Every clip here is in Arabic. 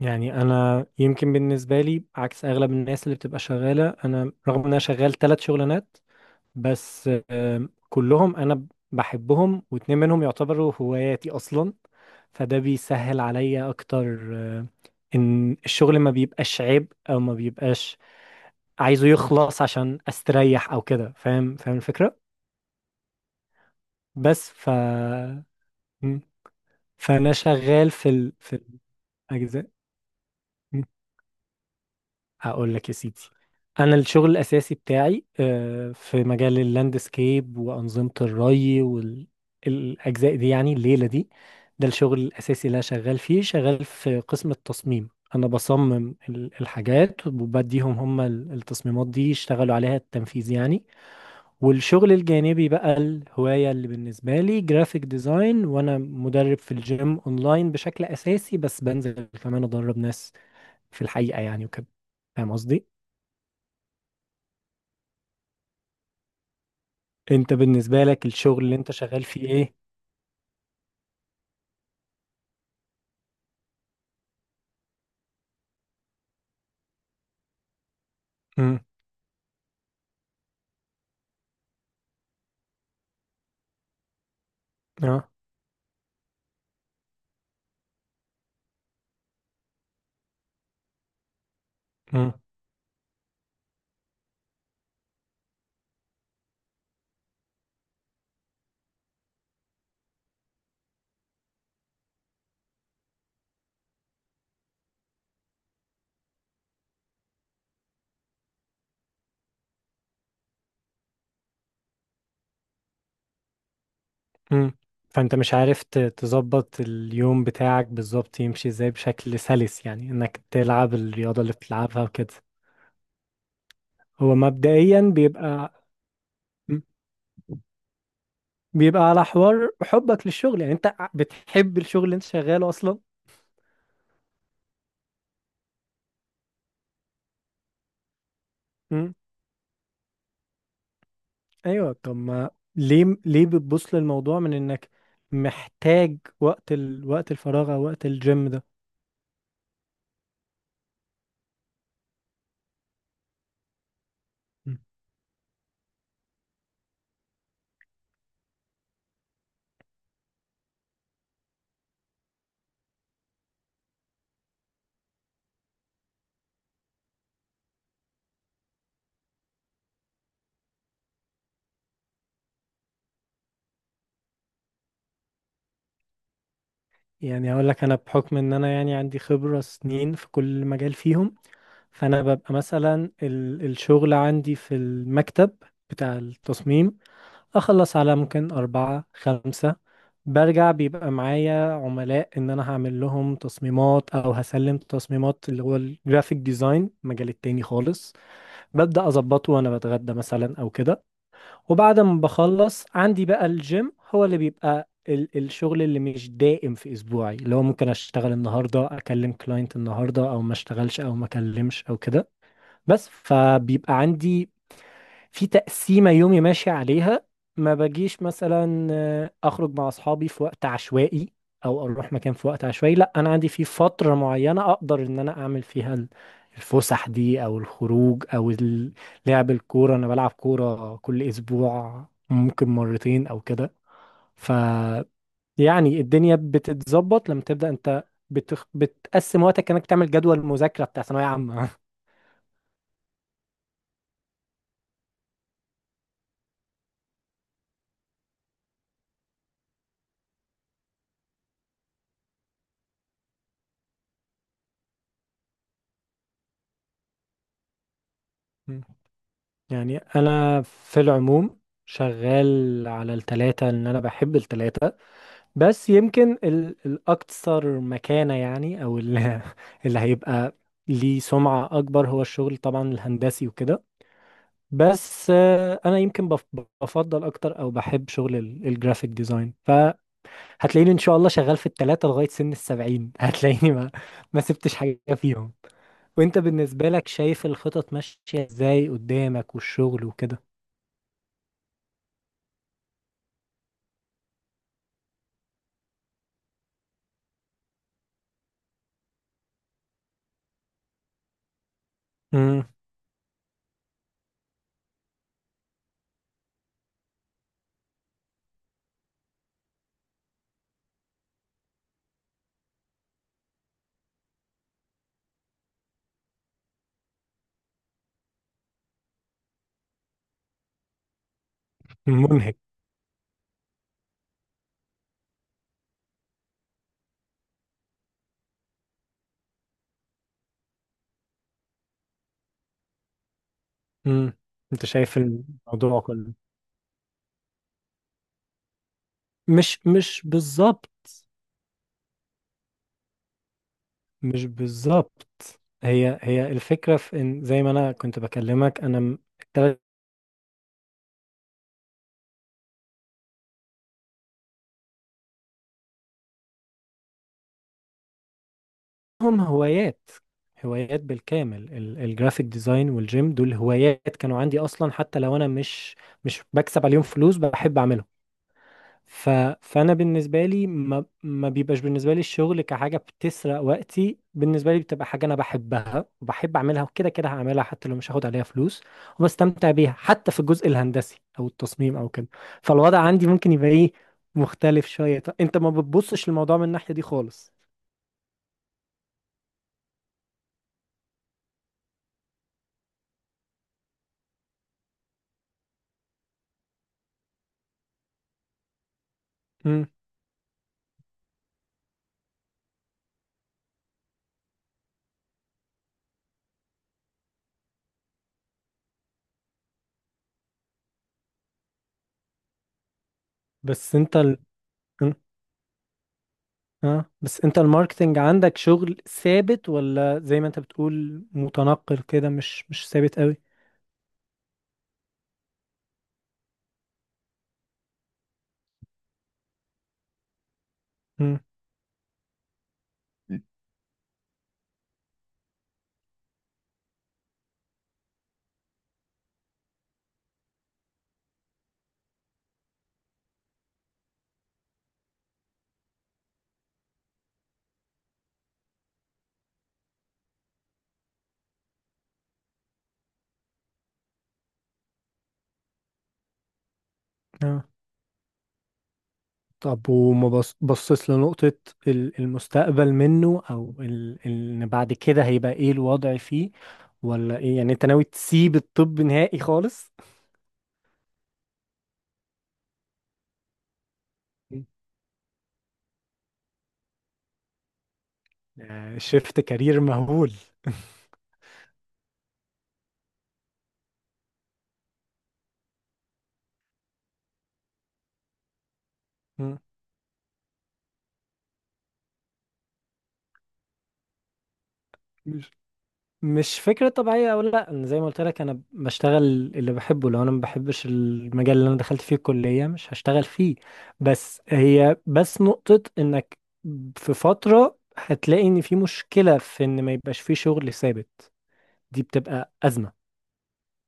يعني انا يمكن بالنسبه لي عكس اغلب الناس اللي بتبقى شغاله، انا رغم ان انا شغال 3 شغلانات، بس كلهم انا بحبهم، واتنين منهم يعتبروا هواياتي اصلا. فده بيسهل عليا اكتر ان الشغل ما بيبقاش عيب او ما بيبقاش عايزه يخلص عشان استريح او كده. فاهم فاهم الفكره. بس. ف م. فانا شغال في الاجزاء. هقول لك يا سيدي. انا الشغل الاساسي بتاعي في مجال اللاندسكيب وانظمه الري، والاجزاء دي يعني الليله دي. ده الشغل الاساسي اللي انا شغال فيه، شغال في قسم التصميم. انا بصمم الحاجات وبديهم هم التصميمات دي يشتغلوا عليها التنفيذ يعني. والشغل الجانبي بقى الهوايه اللي بالنسبه لي جرافيك ديزاين، وانا مدرب في الجيم اونلاين بشكل اساسي، بس بنزل كمان ادرب ناس في الحقيقه يعني وكده. فاهم قصدي؟ انت بالنسبة لك الشغل اللي انت شغال فيه ايه؟ امم. اه. امم. امم. فانت مش عارف تظبط اليوم بتاعك بالظبط يمشي ازاي بشكل سلس، يعني انك تلعب الرياضة اللي بتلعبها وكده. هو مبدئيا بيبقى مم. بيبقى على حوار حبك للشغل، يعني انت بتحب الشغل اللي انت شغاله اصلا. امم. ايوه. طب ما ليه بتبص للموضوع من انك محتاج وقت الفراغ او وقت الجيم ده؟ يعني هقول لك، انا بحكم ان انا يعني عندي خبرة سنين في كل مجال فيهم، فانا ببقى مثلا الشغل عندي في المكتب بتاع التصميم اخلص على ممكن اربعة خمسة. برجع بيبقى معايا عملاء ان انا هعمل لهم تصميمات او هسلم تصميمات، اللي هو الجرافيك ديزاين، المجال التاني خالص، ببدأ اظبطه وانا بتغدى مثلا او كده. وبعد ما بخلص عندي بقى الجيم هو اللي بيبقى الشغل اللي مش دائم في اسبوعي، اللي هو ممكن اشتغل النهارده اكلم كلاينت النهارده او ما اشتغلش او ما اكلمش او كده. بس فبيبقى عندي في تقسيمة يومي ماشي عليها، ما بجيش مثلا أخرج مع أصحابي في وقت عشوائي، أو أروح مكان في وقت عشوائي، لأ، أنا عندي في فترة معينة أقدر إن أنا أعمل فيها الفسح دي، أو الخروج، أو لعب الكورة. أنا بلعب كورة كل أسبوع ممكن مرتين أو كده. ف يعني الدنيا بتتظبط لما تبدأ أنت بتقسم وقتك كأنك بتعمل جدول مذاكرة بتاع ثانوية عامة. يعني انا في العموم شغال على التلاتة، ان انا بحب التلاتة، بس يمكن الاكثر مكانة يعني، او اللي, اللي هيبقى ليه سمعة اكبر هو الشغل طبعا الهندسي وكده. بس انا يمكن بفضل اكتر او بحب شغل الجرافيك ديزاين. فهتلاقيني ان شاء الله شغال في التلاتة لغاية سن الـ70. هتلاقيني ما سبتش حاجة فيهم. وانت بالنسبة لك شايف الخطط ماشية ازاي قدامك والشغل وكده؟ منهك. مم. انت شايف الموضوع كله. مش بالظبط، مش بالظبط، هي هي الفكرة في ان زي ما انا كنت بكلمك انا التلاتهم هوايات، هوايات بالكامل، الجرافيك ديزاين والجيم دول هوايات كانوا عندي اصلا، حتى لو انا مش بكسب عليهم فلوس بحب اعملهم. ف... فانا بالنسبه لي ما بيبقاش بالنسبه لي الشغل كحاجه بتسرق وقتي، بالنسبه لي بتبقى حاجه انا بحبها وبحب اعملها، وكده كده هعملها حتى لو مش هاخد عليها فلوس. وبستمتع بيها حتى في الجزء الهندسي او التصميم او كده. فالوضع عندي ممكن يبقى ايه، مختلف شويه. انت ما بتبصش للموضوع من الناحيه دي خالص. امم. بس انت ال... مم. اه بس انت الماركتنج عندك شغل ثابت، ولا زي ما انت بتقول متنقل كده، مش ثابت قوي؟ امم. طب وما بصيت لنقطة المستقبل منه، أو إن بعد كده هيبقى إيه الوضع فيه، ولا إيه يعني أنت ناوي تسيب الطب نهائي خالص؟ شيفت كارير مهول. مم. مش مش فكرة طبيعية، أو لأ، أنا زي ما قلت لك أنا بشتغل اللي بحبه، لو أنا ما بحبش المجال اللي أنا دخلت فيه الكلية مش هشتغل فيه. بس هي بس نقطة إنك في فترة هتلاقي إن في مشكلة في إن ما يبقاش فيه شغل ثابت، دي بتبقى أزمة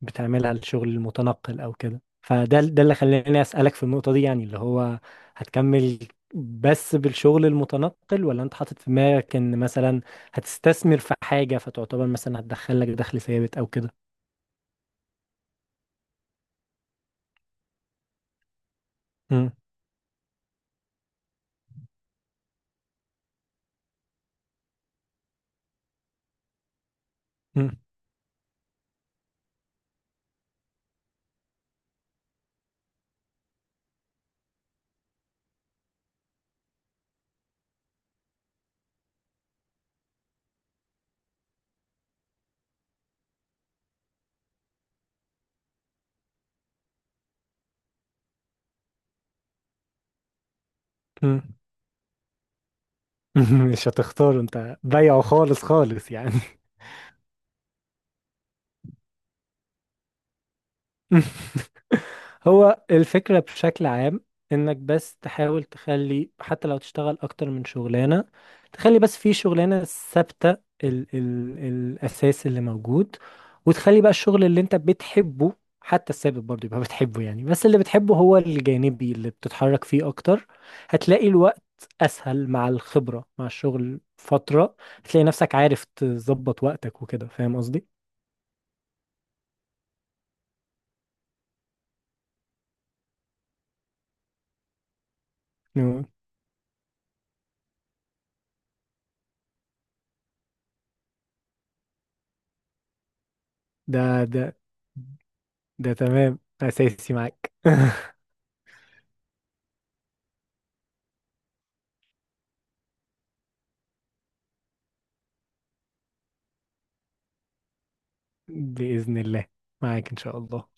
بتعملها لشغل المتنقل أو كده، فده اللي خلاني أسألك في النقطة دي يعني، اللي هو هتكمل بس بالشغل المتنقل، ولا أنت حاطط في دماغك إن مثلا هتستثمر في حاجة فتعتبر مثلا هتدخل لك دخل ثابت أو كده؟ مم. مم. مم. مش هتختار، أنت بايعه خالص خالص يعني. هو الفكرة بشكل عام انك بس تحاول تخلي، حتى لو تشتغل اكتر من شغلانة، تخلي بس في شغلانة ثابتة، ال ال الاساس اللي موجود، وتخلي بقى الشغل اللي انت بتحبه، حتى الثابت برضه يبقى بتحبه يعني، بس اللي بتحبه هو الجانبي اللي بتتحرك فيه اكتر، هتلاقي الوقت اسهل مع الخبرة مع الشغل فترة، هتلاقي نفسك عارف تظبط وقتك وكده. فاهم قصدي؟ إنه. ده ده ده تمام أساسي معاك. بإذن الله، معاك إن شاء الله.